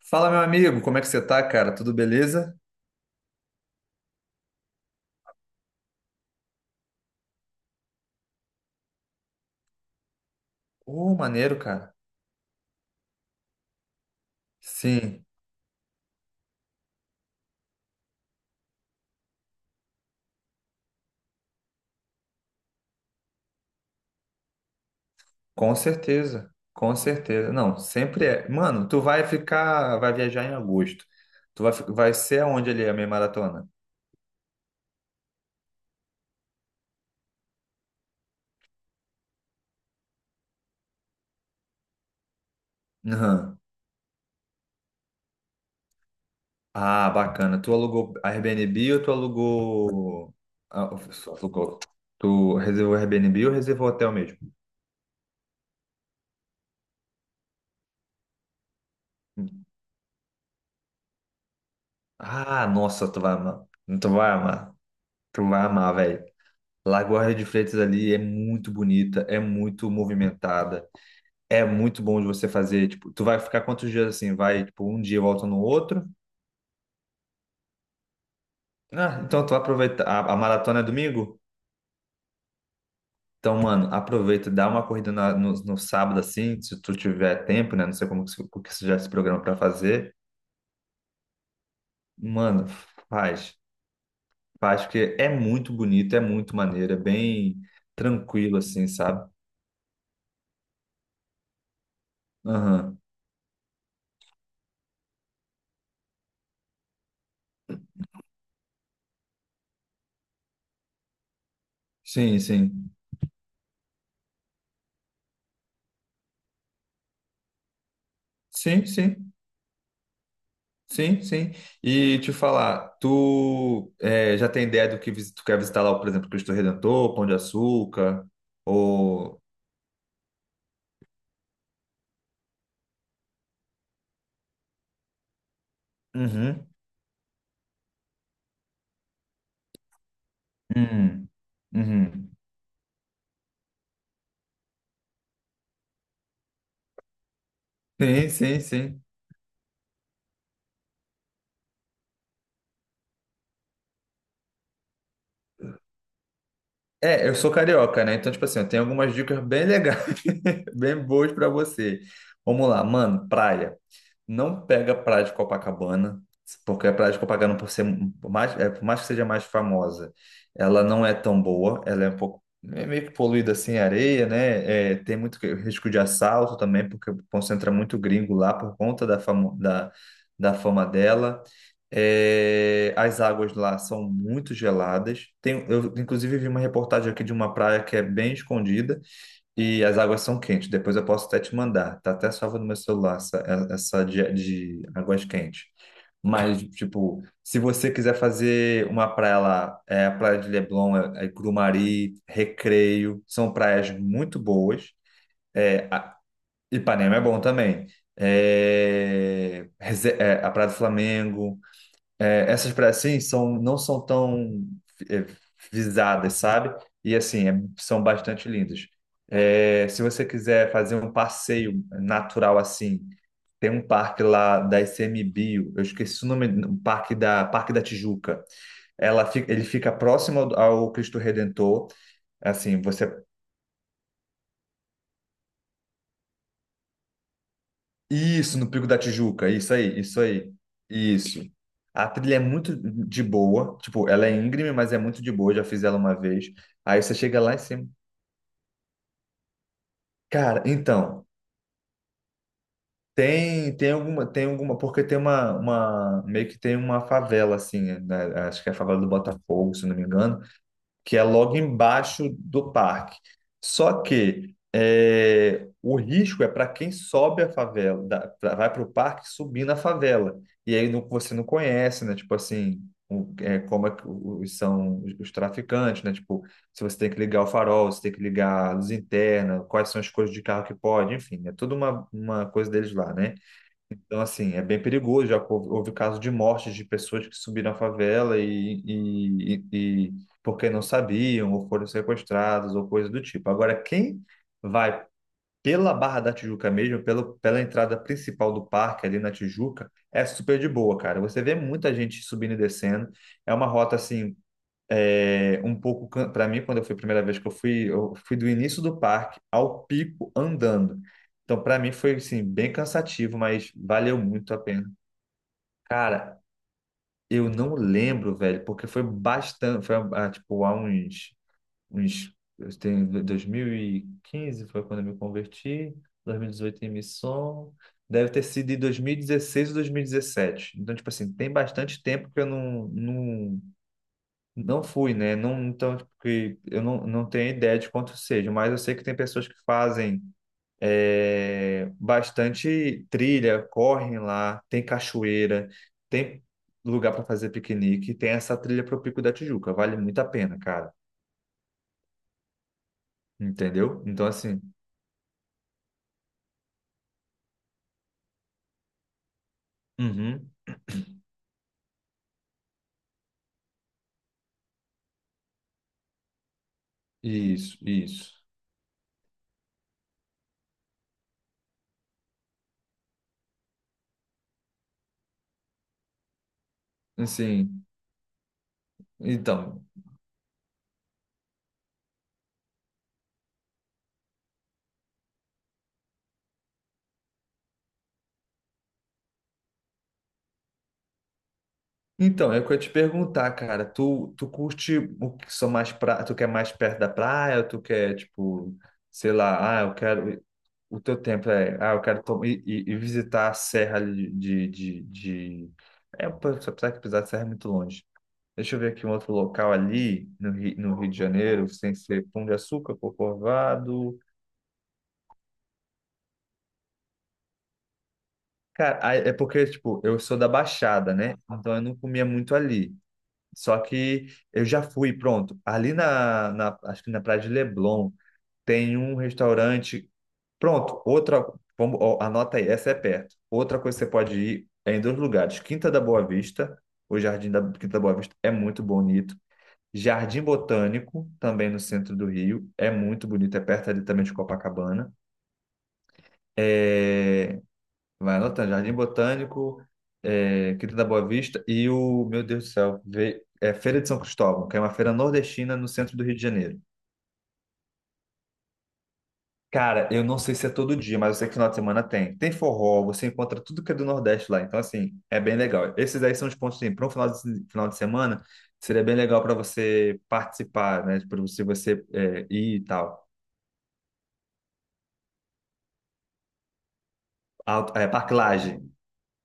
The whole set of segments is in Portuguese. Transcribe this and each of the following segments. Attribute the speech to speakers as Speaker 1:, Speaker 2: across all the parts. Speaker 1: Fala, meu amigo, como é que você tá, cara? Tudo beleza? Maneiro, cara. Sim, com certeza. Com certeza. Não, sempre é. Mano, tu vai ficar, vai viajar em agosto. Vai ser aonde ali a meia maratona? Aham. Ah, bacana. Tu alugou Airbnb ou tu ah, alugou. Tu reservou Airbnb ou reservou hotel mesmo? Ah, nossa, tu vai amar. Tu vai amar. Tu vai amar, velho. Lagoa de Freitas ali é muito bonita, é muito movimentada, é muito bom de você fazer. Tipo, tu vai ficar quantos dias assim? Vai, tipo, um dia e volta no outro? Ah, então tu vai aproveitar, a maratona é domingo? Então, mano, aproveita, dá uma corrida no sábado assim, se tu tiver tempo, né? Não sei como que, o que você já se programa pra fazer. Mano, faz, faz, porque é muito bonito, é muito maneiro, é bem tranquilo assim, sabe? Aham, sim, sim. Sim, sim. Sim, sim. E te falar, tu já tem ideia do que tu quer visitar lá, por exemplo, Cristo Redentor, Pão de Açúcar ou? Uhum, uhum, uhum. Sim, sim, sim. É, eu sou carioca, né? Então, tipo assim, eu tenho algumas dicas bem legais, bem boas pra você. Vamos lá, mano, praia. Não pega praia de Copacabana, porque a praia de Copacabana, por ser mais, é, por mais que seja mais famosa, ela não é tão boa, ela é um pouco, é meio que poluída assim, areia, né? É, tem muito risco de assalto também, porque concentra muito gringo lá por conta da fama dela. É, as águas lá são muito geladas. Tem, eu, inclusive, vi uma reportagem aqui de uma praia que é bem escondida e as águas são quentes. Depois eu posso até te mandar. Tá até salvo no meu celular essa de, águas quentes. Mas, tipo, se você quiser fazer uma praia lá, é a Praia de Leblon, é Grumari, Recreio, são praias muito boas. É, Ipanema é bom também. É, a Praia do Flamengo essas praias assim não são tão é, visadas, sabe? E assim, são bastante lindas. É, se você quiser fazer um passeio natural assim, tem um parque lá da ICMBio, eu esqueci o nome, um parque da Parque da Tijuca. Ela fica, ele fica próximo ao Cristo Redentor. Assim, você. Isso, no Pico da Tijuca, isso aí, isso aí, isso. A trilha é muito de boa, tipo, ela é íngreme, mas é muito de boa, já fiz ela uma vez. Aí você chega lá em cima. Cara, então, tem alguma, tem alguma, porque tem uma meio que tem uma favela assim, né? Acho que é a favela do Botafogo, se não me engano, que é logo embaixo do parque. Só que é, o risco é para quem sobe a favela, vai para o parque subir na favela. E aí você não conhece, né? Tipo assim, como é que são os traficantes, né? Tipo, se você tem que ligar o farol, se tem que ligar a luz interna, quais são as coisas de carro que pode, enfim, é toda uma coisa deles lá, né? Então, assim, é bem perigoso. Já houve casos de mortes de pessoas que subiram à favela e porque não sabiam, ou foram sequestradas, ou coisa do tipo. Agora, quem vai pela Barra da Tijuca mesmo, pela entrada principal do parque ali na Tijuca, é super de boa, cara. Você vê muita gente subindo e descendo. É uma rota, assim, um pouco. Para mim, quando eu fui a primeira vez que eu fui do início do parque ao pico andando. Então para mim foi assim bem cansativo, mas valeu muito a pena. Cara, eu não lembro, velho, porque foi bastante, foi tipo há uns. Eu tenho 2015, foi quando eu me converti, 2018 em missão, deve ter sido de 2016 ou 2017. Então, tipo assim, tem bastante tempo que eu não fui, né? Não, então, tipo, que eu não tenho ideia de quanto seja, mas eu sei que tem pessoas que fazem bastante trilha, correm lá, tem cachoeira, tem lugar para fazer piquenique, tem essa trilha para o Pico da Tijuca, vale muito a pena, cara. Entendeu? Então, assim, uhum, isso, isso. Assim, então, então, é o que eu ia te perguntar, cara. Tu curte o que? São mais pra, tu quer mais perto da praia, ou tu quer, tipo, sei lá, ah, eu quero. O teu tempo é, eu quero e visitar a serra ali de... É, pô, só precisa que pisar de serra é muito longe. Deixa eu ver aqui um outro local ali no Rio, no Rio de Janeiro, sem ser Pão de Açúcar, Corcovado. Cara, aí é porque, tipo, eu sou da Baixada, né? Então eu não comia muito ali. Só que eu já fui, pronto. Ali na acho que na Praia de Leblon, tem um restaurante. Pronto, outra, vamos, ó, anota aí, essa é perto. Outra coisa que você pode ir é em dois lugares, Quinta da Boa Vista. O Jardim da Quinta da Boa Vista é muito bonito. Jardim Botânico, também no centro do Rio, é muito bonito, é perto ali também de Copacabana. É, vai anotando, Jardim Botânico, Quinta da Boa Vista e meu Deus do céu, é Feira de São Cristóvão, que é uma feira nordestina no centro do Rio de Janeiro. Cara, eu não sei se é todo dia, mas eu sei que final de semana tem. Tem forró, você encontra tudo que é do Nordeste lá. Então, assim, é bem legal. Esses aí são os pontos, assim, para um final de semana, seria bem legal para você participar, né? Para você ir e tal. Alto, é, Parque Lage.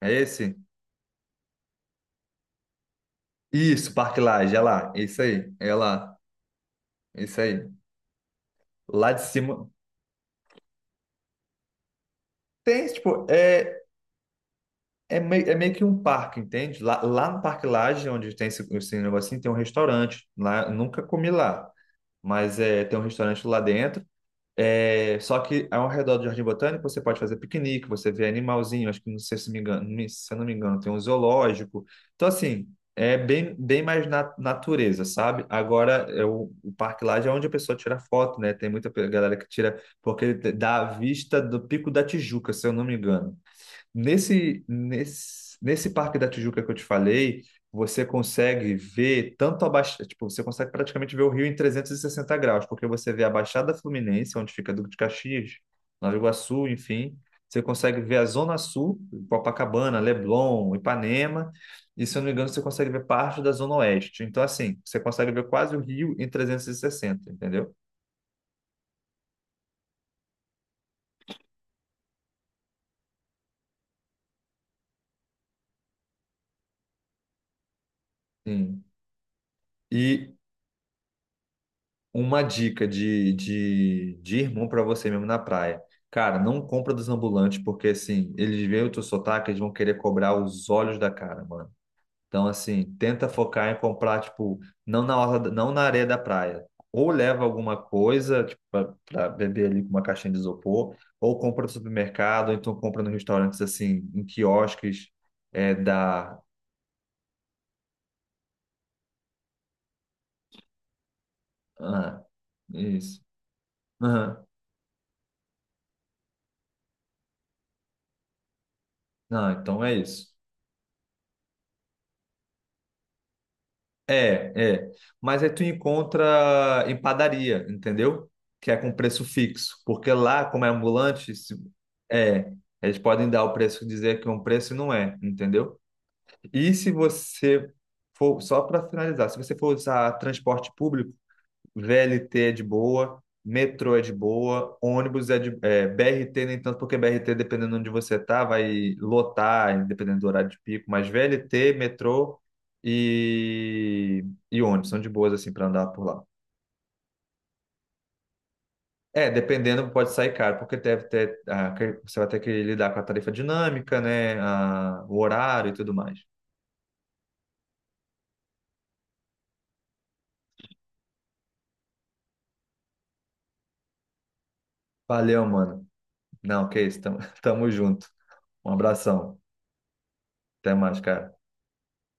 Speaker 1: É esse? Isso, Parque Lage, é lá. É isso aí, é lá. É isso aí. Lá de cima. Tem, tipo, é meio que um parque, entende? Lá no Parque Lage, onde tem esse negocinho, tem um restaurante. Lá, eu nunca comi lá, mas tem um restaurante lá dentro. É, só que ao redor do Jardim Botânico você pode fazer piquenique, você vê animalzinho, acho que não sei se me engano, se eu não me engano, tem um zoológico. Então, assim, é bem, bem mais na natureza, sabe? Agora, é o parque lá já é onde a pessoa tira foto, né? Tem muita galera que tira, porque ele dá a vista do Pico da Tijuca, se eu não me engano. Nesse Parque da Tijuca que eu te falei, você consegue ver tanto a Baixada, tipo, você consegue praticamente ver o Rio em 360 graus, porque você vê a Baixada Fluminense, onde fica Duque de Caxias, Nova Iguaçu, enfim. Você consegue ver a Zona Sul, Copacabana, Leblon, Ipanema, e se eu não me engano, você consegue ver parte da Zona Oeste. Então, assim, você consegue ver quase o Rio em 360, entendeu? Sim. E uma dica de irmão para você mesmo na praia. Cara, não compra dos ambulantes, porque assim, eles veem o teu sotaque, eles vão querer cobrar os olhos da cara, mano. Então, assim, tenta focar em comprar, tipo, não na orla, não na areia da praia. Ou leva alguma coisa, tipo, pra beber ali com uma caixinha de isopor, ou compra no supermercado, ou então compra nos restaurantes, assim, em quiosques, é da. Ah, isso. Aham. Não, então é isso. É, é. Mas aí tu encontra em padaria, entendeu? Que é com preço fixo. Porque lá, como é ambulante, é, eles podem dar o preço, dizer que é um preço e não é, entendeu? E se você for, só para finalizar, se você for usar transporte público, VLT é de boa, metrô é de boa, ônibus BRT nem tanto, porque BRT, dependendo de onde você tá, vai lotar, dependendo do horário de pico, mas VLT, metrô e, e ônibus são de boas, assim, para andar por lá. É, dependendo, pode sair caro, porque deve ter, você vai ter que lidar com a tarifa dinâmica, né? O horário e tudo mais. Valeu, mano. Não, que isso, tamo, tamo junto. Um abração. Até mais, cara.